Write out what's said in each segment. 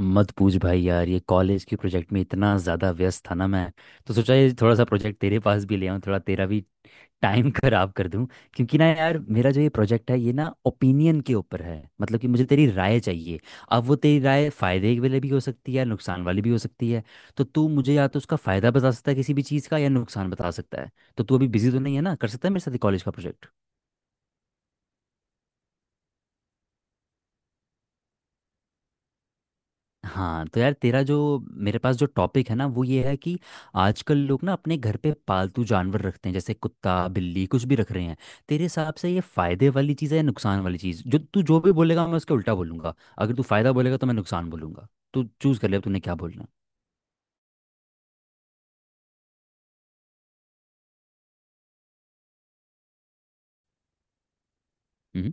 मत पूछ भाई यार, ये कॉलेज के प्रोजेक्ट में इतना ज़्यादा व्यस्त था ना मैं। तो सोचा ये थोड़ा सा प्रोजेक्ट तेरे पास भी ले आऊँ, थोड़ा तेरा भी टाइम खराब कर दूं। क्योंकि ना यार मेरा जो ये प्रोजेक्ट है ये ना ओपिनियन के ऊपर है, मतलब कि मुझे तेरी राय चाहिए। अब वो तेरी राय फ़ायदे वाली भी हो सकती है, नुकसान वाली भी हो सकती है। तो तू मुझे या तो उसका फ़ायदा बता सकता है किसी भी चीज़ का, या नुकसान बता सकता है। तो तू अभी बिजी तो नहीं है ना? कर सकता है मेरे साथ कॉलेज का प्रोजेक्ट? हाँ, तो यार तेरा जो, मेरे पास जो टॉपिक है ना वो ये है कि आजकल लोग ना अपने घर पे पालतू जानवर रखते हैं, जैसे कुत्ता बिल्ली कुछ भी रख रहे हैं। तेरे हिसाब से ये फायदे वाली चीज़ है या नुकसान वाली चीज़? जो तू जो भी बोलेगा मैं उसके उल्टा बोलूंगा, अगर तू फायदा बोलेगा तो मैं नुकसान बोलूंगा। तू चूज कर ले अब तूने क्या बोलना है। हम्म।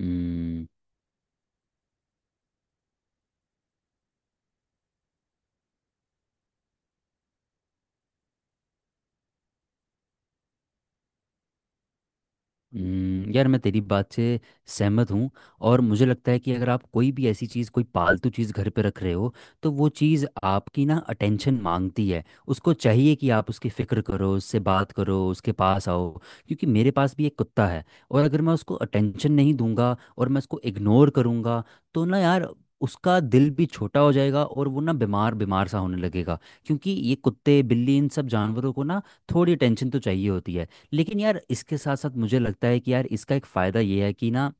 हम्म। यार मैं तेरी बात से सहमत हूँ। और मुझे लगता है कि अगर आप कोई भी ऐसी चीज़ कोई पालतू चीज़ घर पे रख रहे हो, तो वो चीज़ आपकी ना अटेंशन मांगती है। उसको चाहिए कि आप उसकी फ़िक्र करो, उससे बात करो, उसके पास आओ। क्योंकि मेरे पास भी एक कुत्ता है, और अगर मैं उसको अटेंशन नहीं दूंगा और मैं उसको इग्नोर करूंगा तो ना यार उसका दिल भी छोटा हो जाएगा और वो ना बीमार बीमार सा होने लगेगा। क्योंकि ये कुत्ते बिल्ली इन सब जानवरों को ना थोड़ी अटेंशन तो चाहिए होती है। लेकिन यार इसके साथ साथ मुझे लगता है कि यार इसका एक फ़ायदा ये है कि ना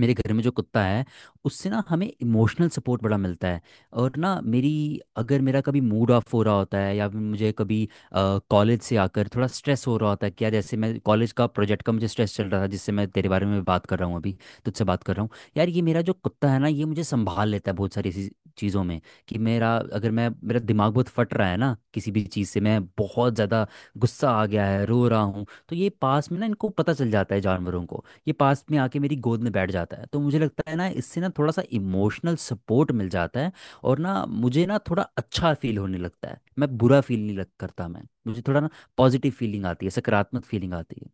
मेरे घर में जो कुत्ता है उससे ना हमें इमोशनल सपोर्ट बड़ा मिलता है। और ना मेरी, अगर मेरा कभी मूड ऑफ हो रहा होता है या फिर मुझे कभी कॉलेज से आकर थोड़ा स्ट्रेस हो रहा होता है, क्या जैसे मैं कॉलेज का प्रोजेक्ट का मुझे स्ट्रेस चल रहा था जिससे मैं तेरे बारे में बात कर रहा हूँ अभी, तुझसे बात कर रहा हूँ। यार ये मेरा जो कुत्ता है ना ये मुझे संभाल लेता है बहुत सारी ऐसी चीज़ों में। कि मेरा, अगर मैं मेरा दिमाग बहुत फट रहा है ना किसी भी चीज़ से, मैं बहुत ज़्यादा गुस्सा आ गया है रो रहा हूँ, तो ये पास में ना इनको पता चल जाता है जानवरों को। ये पास में आके मेरी गोद में बैठ जाता है, तो मुझे लगता है ना इससे ना थोड़ा सा इमोशनल सपोर्ट मिल जाता है। और ना मुझे ना थोड़ा अच्छा फील होने लगता है, मैं बुरा फील नहीं लग करता, मैं, मुझे थोड़ा ना पॉजिटिव फीलिंग आती है, सकारात्मक फीलिंग आती है।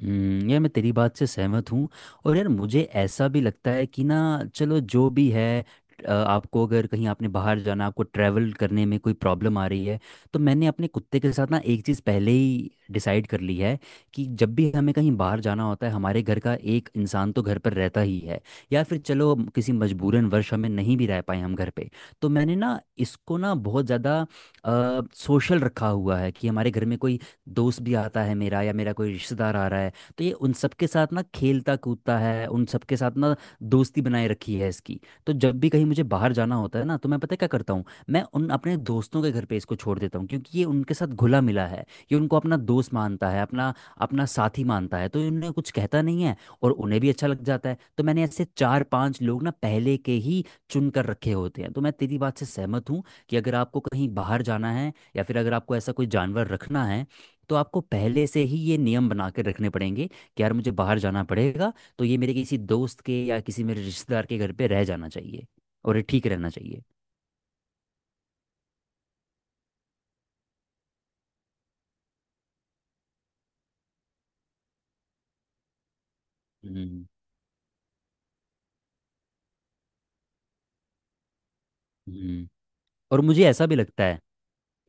हम्म, यार मैं तेरी बात से सहमत हूँ। और यार मुझे ऐसा भी लगता है कि ना चलो जो भी है, आपको अगर कहीं आपने बाहर जाना, आपको ट्रैवल करने में कोई प्रॉब्लम आ रही है, तो मैंने अपने कुत्ते के साथ ना एक चीज़ पहले ही डिसाइड कर ली है। कि जब भी हमें कहीं बाहर जाना होता है हमारे घर का एक इंसान तो घर पर रहता ही है। या फिर चलो किसी मजबूरन वर्ष हमें नहीं भी रह पाए हम घर पे, तो मैंने ना इसको ना बहुत ज़्यादा सोशल रखा हुआ है, कि हमारे घर में कोई दोस्त भी आता है मेरा या मेरा कोई रिश्तेदार आ रहा है तो ये उन सब के साथ ना खेलता कूदता है, उन सब के साथ ना दोस्ती बनाए रखी है इसकी। तो जब भी कहीं मुझे बाहर जाना होता है ना तो मैं, पता है क्या करता हूँ? मैं उन अपने दोस्तों के घर पे इसको छोड़ देता हूँ, क्योंकि ये उनके साथ घुला मिला है। ये उनको अपना दोस्त मानता है, अपना अपना साथी मानता है, तो इन्हें कुछ कहता नहीं है, और उन्हें भी अच्छा लग जाता है। तो मैंने ऐसे चार पांच लोग ना पहले के ही चुन कर रखे होते हैं। तो मैं तेरी बात से सहमत हूँ कि अगर आपको कहीं बाहर जाना है या फिर अगर आपको ऐसा कोई जानवर रखना है तो आपको पहले से ही ये नियम बना के रखने पड़ेंगे, कि यार मुझे बाहर जाना पड़ेगा तो ये मेरे किसी दोस्त के या किसी मेरे रिश्तेदार के घर पे रह जाना चाहिए, और ये ठीक रहना चाहिए। हम्म। हम्म। और मुझे ऐसा भी लगता है,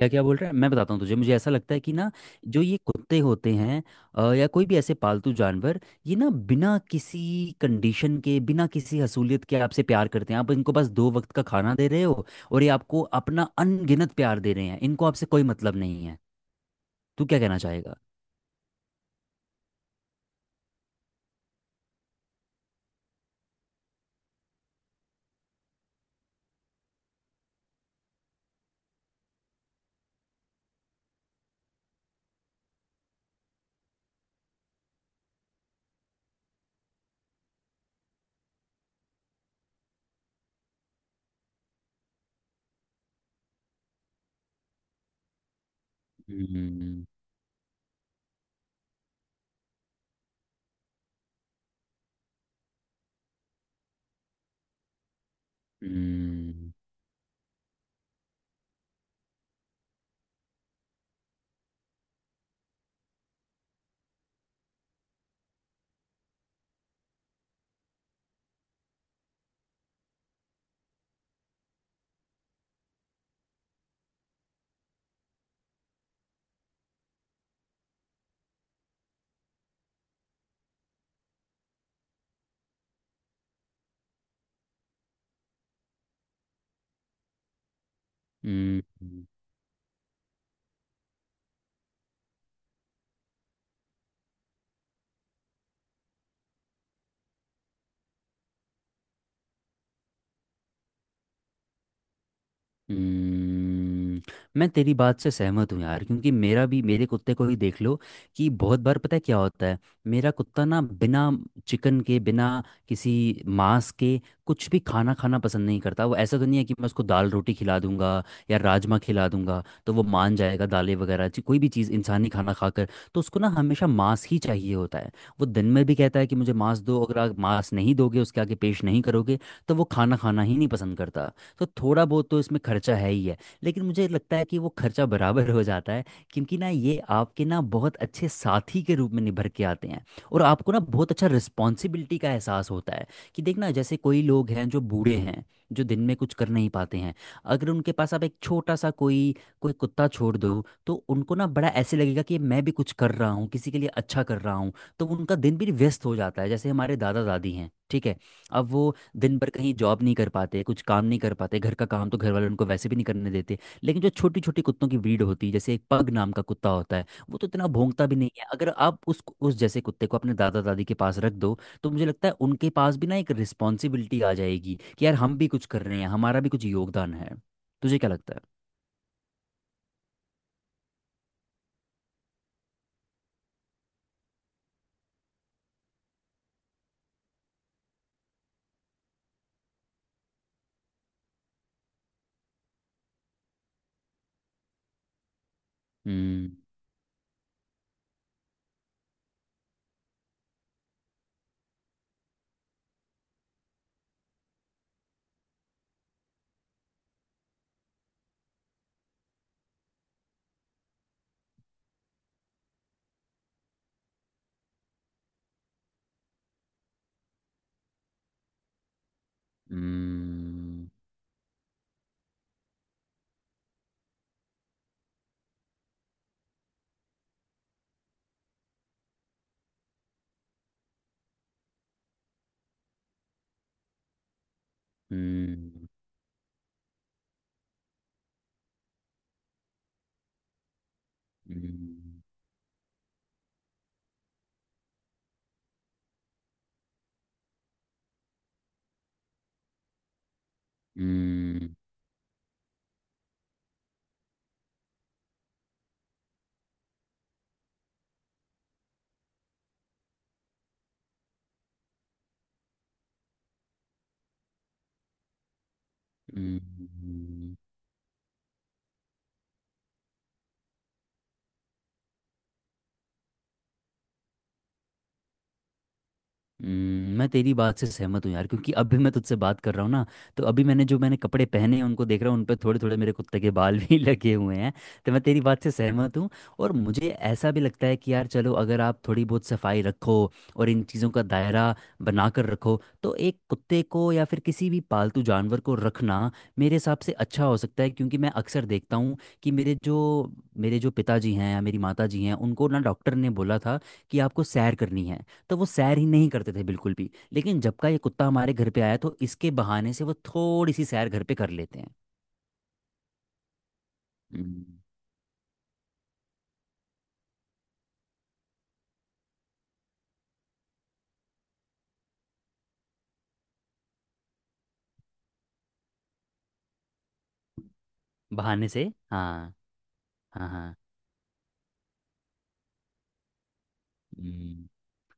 क्या क्या बोल रहा है मैं बताता हूँ तुझे, मुझे ऐसा लगता है कि ना जो ये कुत्ते होते हैं, या कोई भी ऐसे पालतू जानवर, ये ना बिना किसी कंडीशन के, बिना किसी हसूलियत के आपसे प्यार करते हैं। आप इनको बस दो वक्त का खाना दे रहे हो, और ये आपको अपना अनगिनत प्यार दे रहे हैं। इनको आपसे कोई मतलब नहीं है। तू क्या कहना चाहेगा? हम्म। हम्म। हम्म, हम्म, हम्म, मैं तेरी बात से सहमत हूँ यार, क्योंकि मेरा भी, मेरे कुत्ते को ही देख लो कि बहुत बार पता है क्या होता है। मेरा कुत्ता ना बिना चिकन के, बिना किसी मांस के कुछ भी खाना खाना पसंद नहीं करता। वो ऐसा तो नहीं है कि मैं उसको दाल रोटी खिला दूंगा या राजमा खिला दूंगा तो वो मान जाएगा, दालें वगैरह कोई भी चीज़ इंसानी खाना खाकर। तो उसको ना हमेशा मांस ही चाहिए होता है। वो दिन में भी कहता है कि मुझे मांस दो, अगर आप मांस नहीं दोगे उसके आगे पेश नहीं करोगे तो वो खाना खाना ही नहीं पसंद करता। तो थोड़ा बहुत तो इसमें खर्चा है ही है। लेकिन मुझे लगता है कि वो खर्चा बराबर हो जाता है, क्योंकि ना ये आपके ना बहुत अच्छे साथी के रूप में निभर के आते हैं, और आपको ना बहुत अच्छा रिस्पॉन्सिबिलिटी का एहसास होता है। कि देखना, जैसे कोई लोग हैं जो बूढ़े हैं, जो दिन में कुछ कर नहीं पाते हैं, अगर उनके पास आप एक छोटा सा कोई कोई कुत्ता छोड़ दो तो उनको ना बड़ा ऐसे लगेगा कि मैं भी कुछ कर रहा हूँ, किसी के लिए अच्छा कर रहा हूँ। तो उनका दिन भी व्यस्त हो जाता है। जैसे हमारे दादा दादी हैं, ठीक है, अब वो दिन भर कहीं जॉब नहीं कर पाते, कुछ काम नहीं कर पाते, घर का काम तो घर वाले उनको वैसे भी नहीं करने देते। लेकिन जो छोटी छोटी कुत्तों की ब्रीड होती है, जैसे एक पग नाम का कुत्ता होता है, वो तो इतना भौंकता भी नहीं है। अगर आप उस जैसे कुत्ते को अपने दादा दादी के पास रख दो तो मुझे लगता है उनके पास भी ना एक रिस्पॉन्सिबिलिटी आ जाएगी, कि यार हम भी कुछ कर रहे हैं, हमारा भी कुछ योगदान है। तुझे क्या लगता है? हम्म। हम्म। हम्म। हम्म। हम्म। हम्म, हम्म, मैं तेरी बात से सहमत हूँ यार, क्योंकि अभी मैं तुझसे बात कर रहा हूँ ना, तो अभी मैंने जो मैंने कपड़े पहने हैं उनको देख रहा हूँ, उन पर थोड़े थोड़े मेरे कुत्ते के बाल भी लगे हुए हैं। तो मैं तेरी बात से सहमत हूँ। और मुझे ऐसा भी लगता है कि यार चलो अगर आप थोड़ी बहुत सफाई रखो और इन चीज़ों का दायरा बना कर रखो, तो एक कुत्ते को या फिर किसी भी पालतू जानवर को रखना मेरे हिसाब से अच्छा हो सकता है। क्योंकि मैं अक्सर देखता हूँ कि मेरे जो, मेरे जो पिताजी हैं या मेरी माता जी हैं, उनको ना डॉक्टर ने बोला था कि आपको सैर करनी है, तो वो सैर ही नहीं करते थे बिल्कुल भी। लेकिन जब का ये कुत्ता हमारे घर पे आया तो इसके बहाने से वो थोड़ी सी सैर घर पे कर लेते हैं। हम्म, बहाने से। हाँ, हाँ। हाँ। हम्म।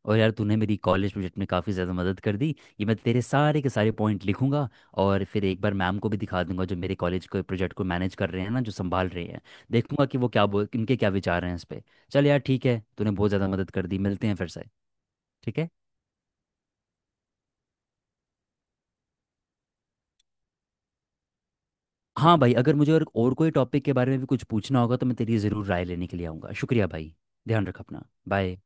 और यार तूने मेरी कॉलेज प्रोजेक्ट में काफ़ी ज़्यादा मदद कर दी, ये मैं तेरे सारे के सारे पॉइंट लिखूंगा और फिर एक बार मैम को भी दिखा दूंगा, जो मेरे कॉलेज के प्रोजेक्ट को मैनेज कर रहे हैं ना, जो संभाल रहे हैं। देखूंगा कि वो क्या बोल, इनके क्या विचार हैं इस पे। चल यार ठीक है, तूने बहुत ज़्यादा मदद कर दी, मिलते हैं फिर से। ठीक है। हाँ भाई, अगर मुझे और कोई टॉपिक के बारे में भी कुछ पूछना होगा तो मैं तेरी ज़रूर राय लेने के लिए आऊँगा। शुक्रिया भाई। ध्यान रख अपना, बाय।